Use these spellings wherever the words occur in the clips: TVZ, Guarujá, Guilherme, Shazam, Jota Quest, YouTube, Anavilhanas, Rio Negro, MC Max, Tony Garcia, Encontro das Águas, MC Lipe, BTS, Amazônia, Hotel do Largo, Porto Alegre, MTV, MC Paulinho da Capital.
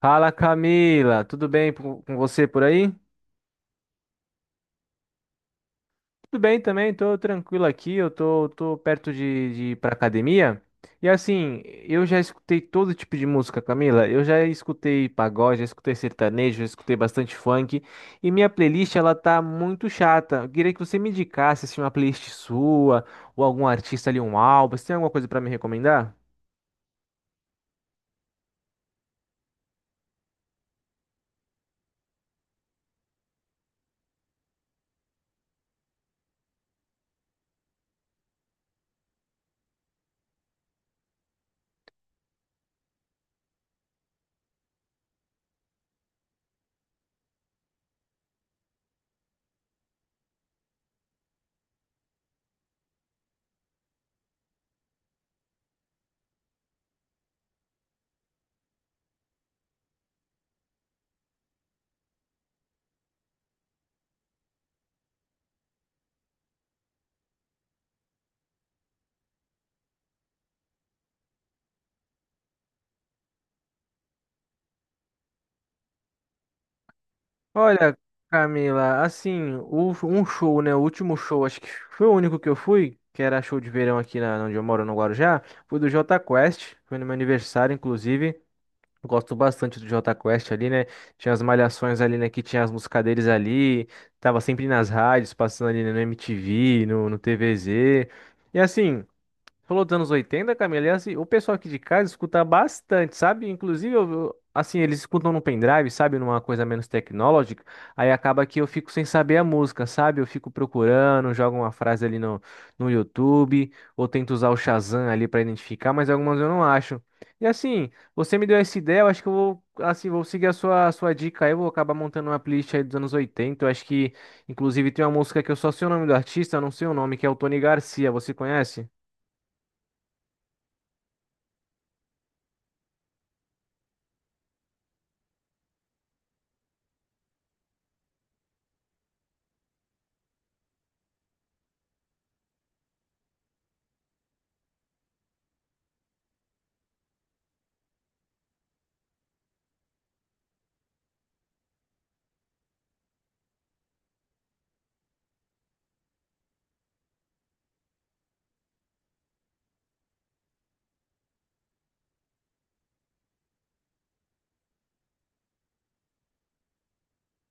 Fala, Camila, tudo bem com você por aí? Tudo bem também, tô tranquilo aqui, eu tô perto de ir pra academia. E assim, eu já escutei todo tipo de música, Camila. Eu já escutei pagode, já escutei sertanejo, já escutei bastante funk. E minha playlist, ela tá muito chata. Eu queria que você me indicasse, assim, uma playlist sua, ou algum artista ali, um álbum. Você tem alguma coisa pra me recomendar? Olha, Camila, assim, um show, né? O último show, acho que foi o único que eu fui, que era show de verão aqui onde eu moro, no Guarujá, foi do Jota Quest, foi no meu aniversário, inclusive. Eu gosto bastante do Jota Quest ali, né? Tinha as malhações ali, né? Que tinha as músicas deles ali, tava sempre nas rádios, passando ali, né, no MTV, no TVZ. E assim. Falou dos anos oitenta, Camila, e assim, o pessoal aqui de casa escuta bastante, sabe? Inclusive, assim, eles escutam no pendrive, sabe? Numa coisa menos tecnológica, aí acaba que eu fico sem saber a música, sabe? Eu fico procurando, jogo uma frase ali no YouTube, ou tento usar o Shazam ali pra identificar, mas algumas eu não acho. E assim, você me deu essa ideia, eu acho que eu vou, assim, vou seguir a sua dica aí. Eu vou acabar montando uma playlist aí dos anos oitenta, eu acho que, inclusive, tem uma música que eu só sei o nome do artista, eu não sei o nome, que é o Tony Garcia. Você conhece?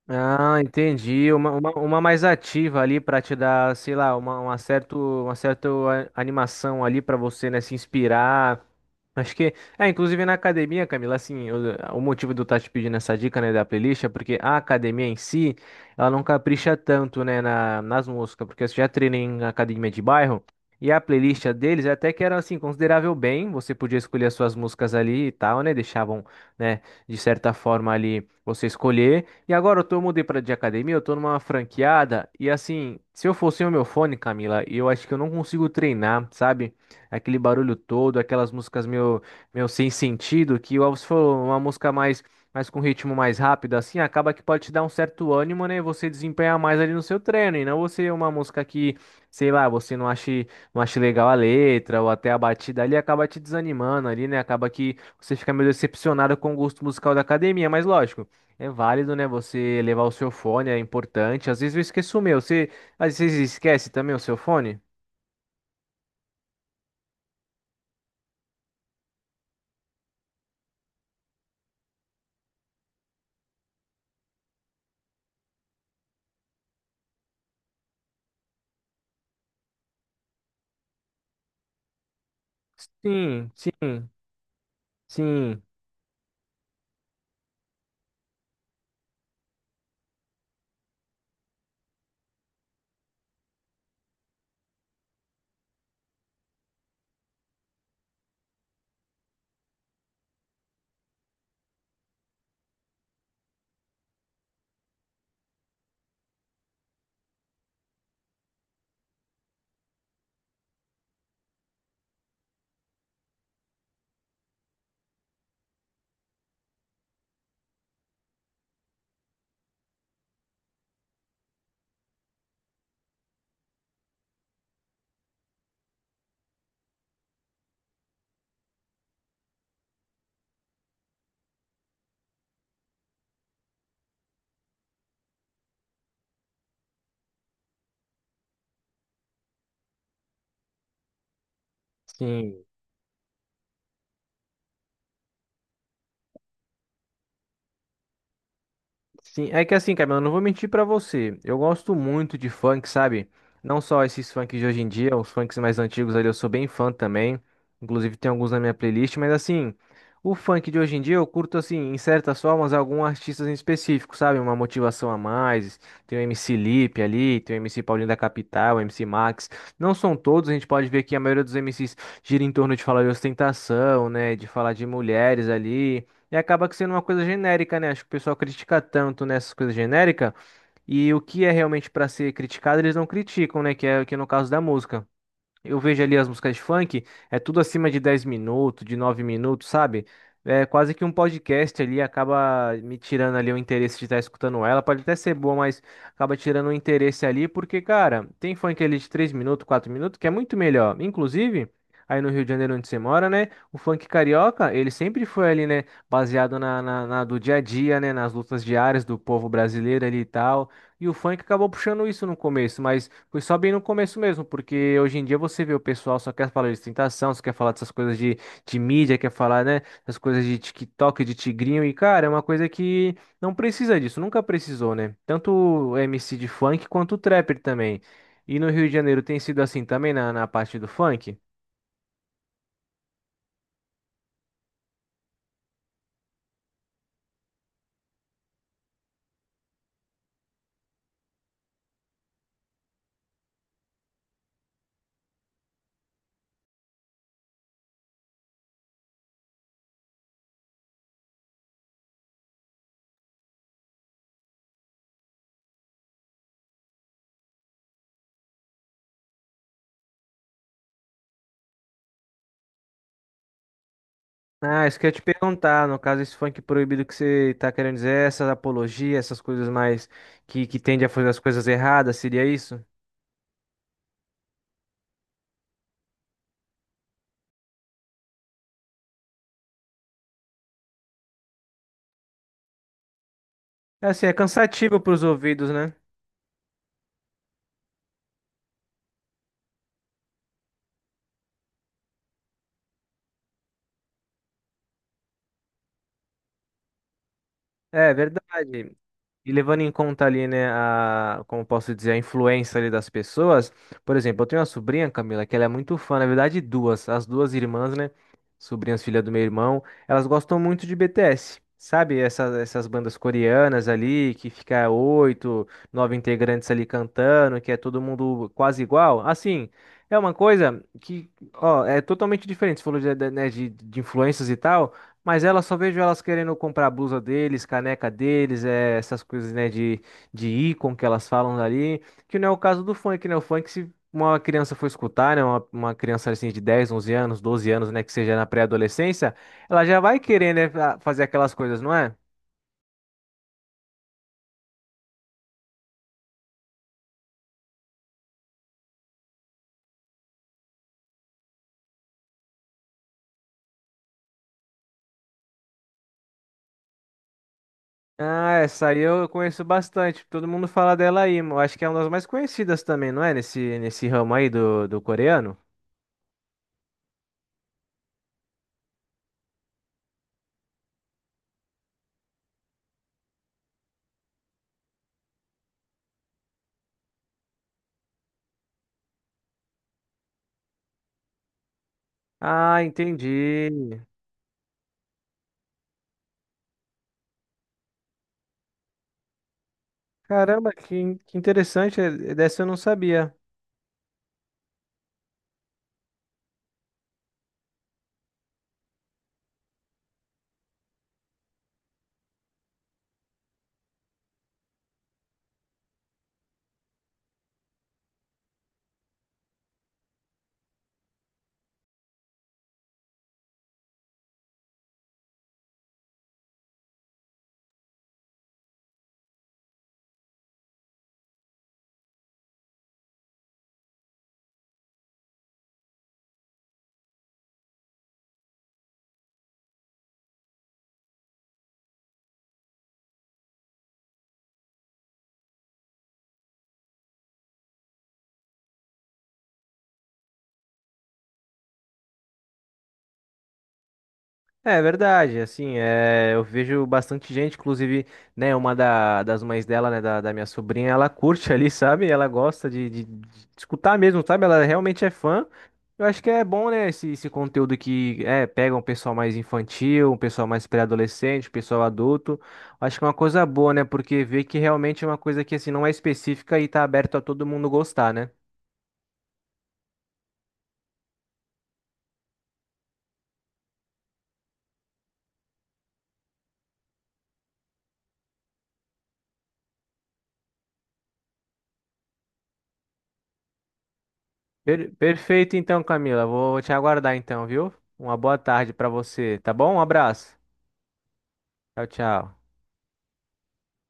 Ah, entendi. Uma mais ativa ali para te dar, sei lá, uma certa animação ali para você, né, se inspirar. Acho que, é, inclusive na academia, Camila, assim, o motivo de eu estar te pedindo essa dica, né, da playlist é porque a academia em si, ela não capricha tanto, né, nas músicas, porque eu já treinei em academia de bairro, e a playlist deles até que era, assim, considerável bem, você podia escolher as suas músicas ali e tal, né, deixavam, né, de certa forma ali você escolher. E agora eu tô, mudei pra de academia, eu tô numa franqueada, e assim, se eu fosse o meu fone, Camila, eu acho que eu não consigo treinar, sabe? Aquele barulho todo, aquelas músicas meu, meu, sem sentido, que ó, se for uma música mais com ritmo mais rápido, assim, acaba que pode te dar um certo ânimo, né? E você desempenhar mais ali no seu treino, e não você uma música que, sei lá, você não ache legal a letra, ou até a batida ali, acaba te desanimando ali, né? Acaba que você fica meio decepcionado com o gosto musical da academia, mas lógico. É válido, né? Você levar o seu fone, é importante. Às vezes eu esqueço o meu. Você, às vezes esquece também o seu fone? Sim, sim, sim, sim. Sim, é que assim, Camila, eu não vou mentir pra você. Eu gosto muito de funk, sabe? Não só esses funks de hoje em dia, os funks mais antigos ali, eu sou bem fã também. Inclusive tem alguns na minha playlist, mas assim, o funk de hoje em dia eu curto assim, em certas formas, alguns artistas em específico, sabe? Uma motivação a mais. Tem o MC Lipe ali, tem o MC Paulinho da Capital, o MC Max. Não são todos, a gente pode ver que a maioria dos MCs gira em torno de falar de ostentação, né? De falar de mulheres ali. E acaba que sendo uma coisa genérica, né? Acho que o pessoal critica tanto nessas coisas genéricas e o que é realmente pra ser criticado eles não criticam, né? Que é no caso da música. Eu vejo ali as músicas de funk, é tudo acima de 10 minutos, de 9 minutos, sabe? É quase que um podcast ali, acaba me tirando ali o interesse de estar escutando ela. Pode até ser boa, mas acaba tirando o interesse ali, porque, cara, tem funk ali de 3 minutos, 4 minutos, que é muito melhor. Inclusive, aí no Rio de Janeiro, onde você mora, né? O funk carioca, ele sempre foi ali, né? Baseado na do dia a dia, né? Nas lutas diárias do povo brasileiro ali e tal. E o funk acabou puxando isso no começo, mas. Foi só bem no começo mesmo, porque hoje em dia você vê o pessoal só quer falar de ostentação, só quer falar dessas coisas de mídia, quer falar, né, essas coisas de TikTok, de tigrinho, e cara, é uma coisa que não precisa disso, nunca precisou, né? Tanto o MC de funk quanto o trapper também. E no Rio de Janeiro tem sido assim também na parte do funk? Ah, isso que eu ia te perguntar, no caso, esse funk proibido que você tá querendo dizer, essa apologia, essas coisas mais que tende a fazer as coisas erradas, seria isso? É assim, é cansativo pros ouvidos, né? É, verdade. E levando em conta ali, né, a, como eu posso dizer, a influência ali das pessoas. Por exemplo, eu tenho uma sobrinha, Camila, que ela é muito fã, na verdade, as duas irmãs, né, sobrinhas, filha do meu irmão, elas gostam muito de BTS. Sabe, essas bandas coreanas ali, que fica oito, nove integrantes ali cantando, que é todo mundo quase igual. Assim, é uma coisa que, ó, é totalmente diferente. Você falou né, de influências e tal. Mas ela só vejo elas querendo comprar a blusa deles, caneca deles, essas coisas, né, de ícone que elas falam ali, que não é o caso do funk, né? O funk, se uma criança for escutar, né, uma criança assim de 10, 11 anos, 12 anos, né, que seja na pré-adolescência, ela já vai querer, né, fazer aquelas coisas, não é? Ah, essa aí eu conheço bastante, todo mundo fala dela aí, eu acho que é uma das mais conhecidas também, não é? Nesse ramo aí do coreano. Ah, entendi. Caramba, que interessante, dessa eu não sabia. É verdade, assim, é, eu vejo bastante gente, inclusive, né, uma das mães dela, né, da minha sobrinha, ela curte ali, sabe? Ela gosta de escutar mesmo, sabe? Ela realmente é fã. Eu acho que é bom, né, esse conteúdo que, é, pega um pessoal mais infantil, um pessoal mais pré-adolescente, um pessoal adulto. Acho que é uma coisa boa, né, porque vê que realmente é uma coisa que, assim, não é específica e tá aberto a todo mundo gostar, né? Perfeito, então, Camila, vou te aguardar, então, viu? Uma boa tarde pra você, tá bom? Um abraço. Tchau, tchau.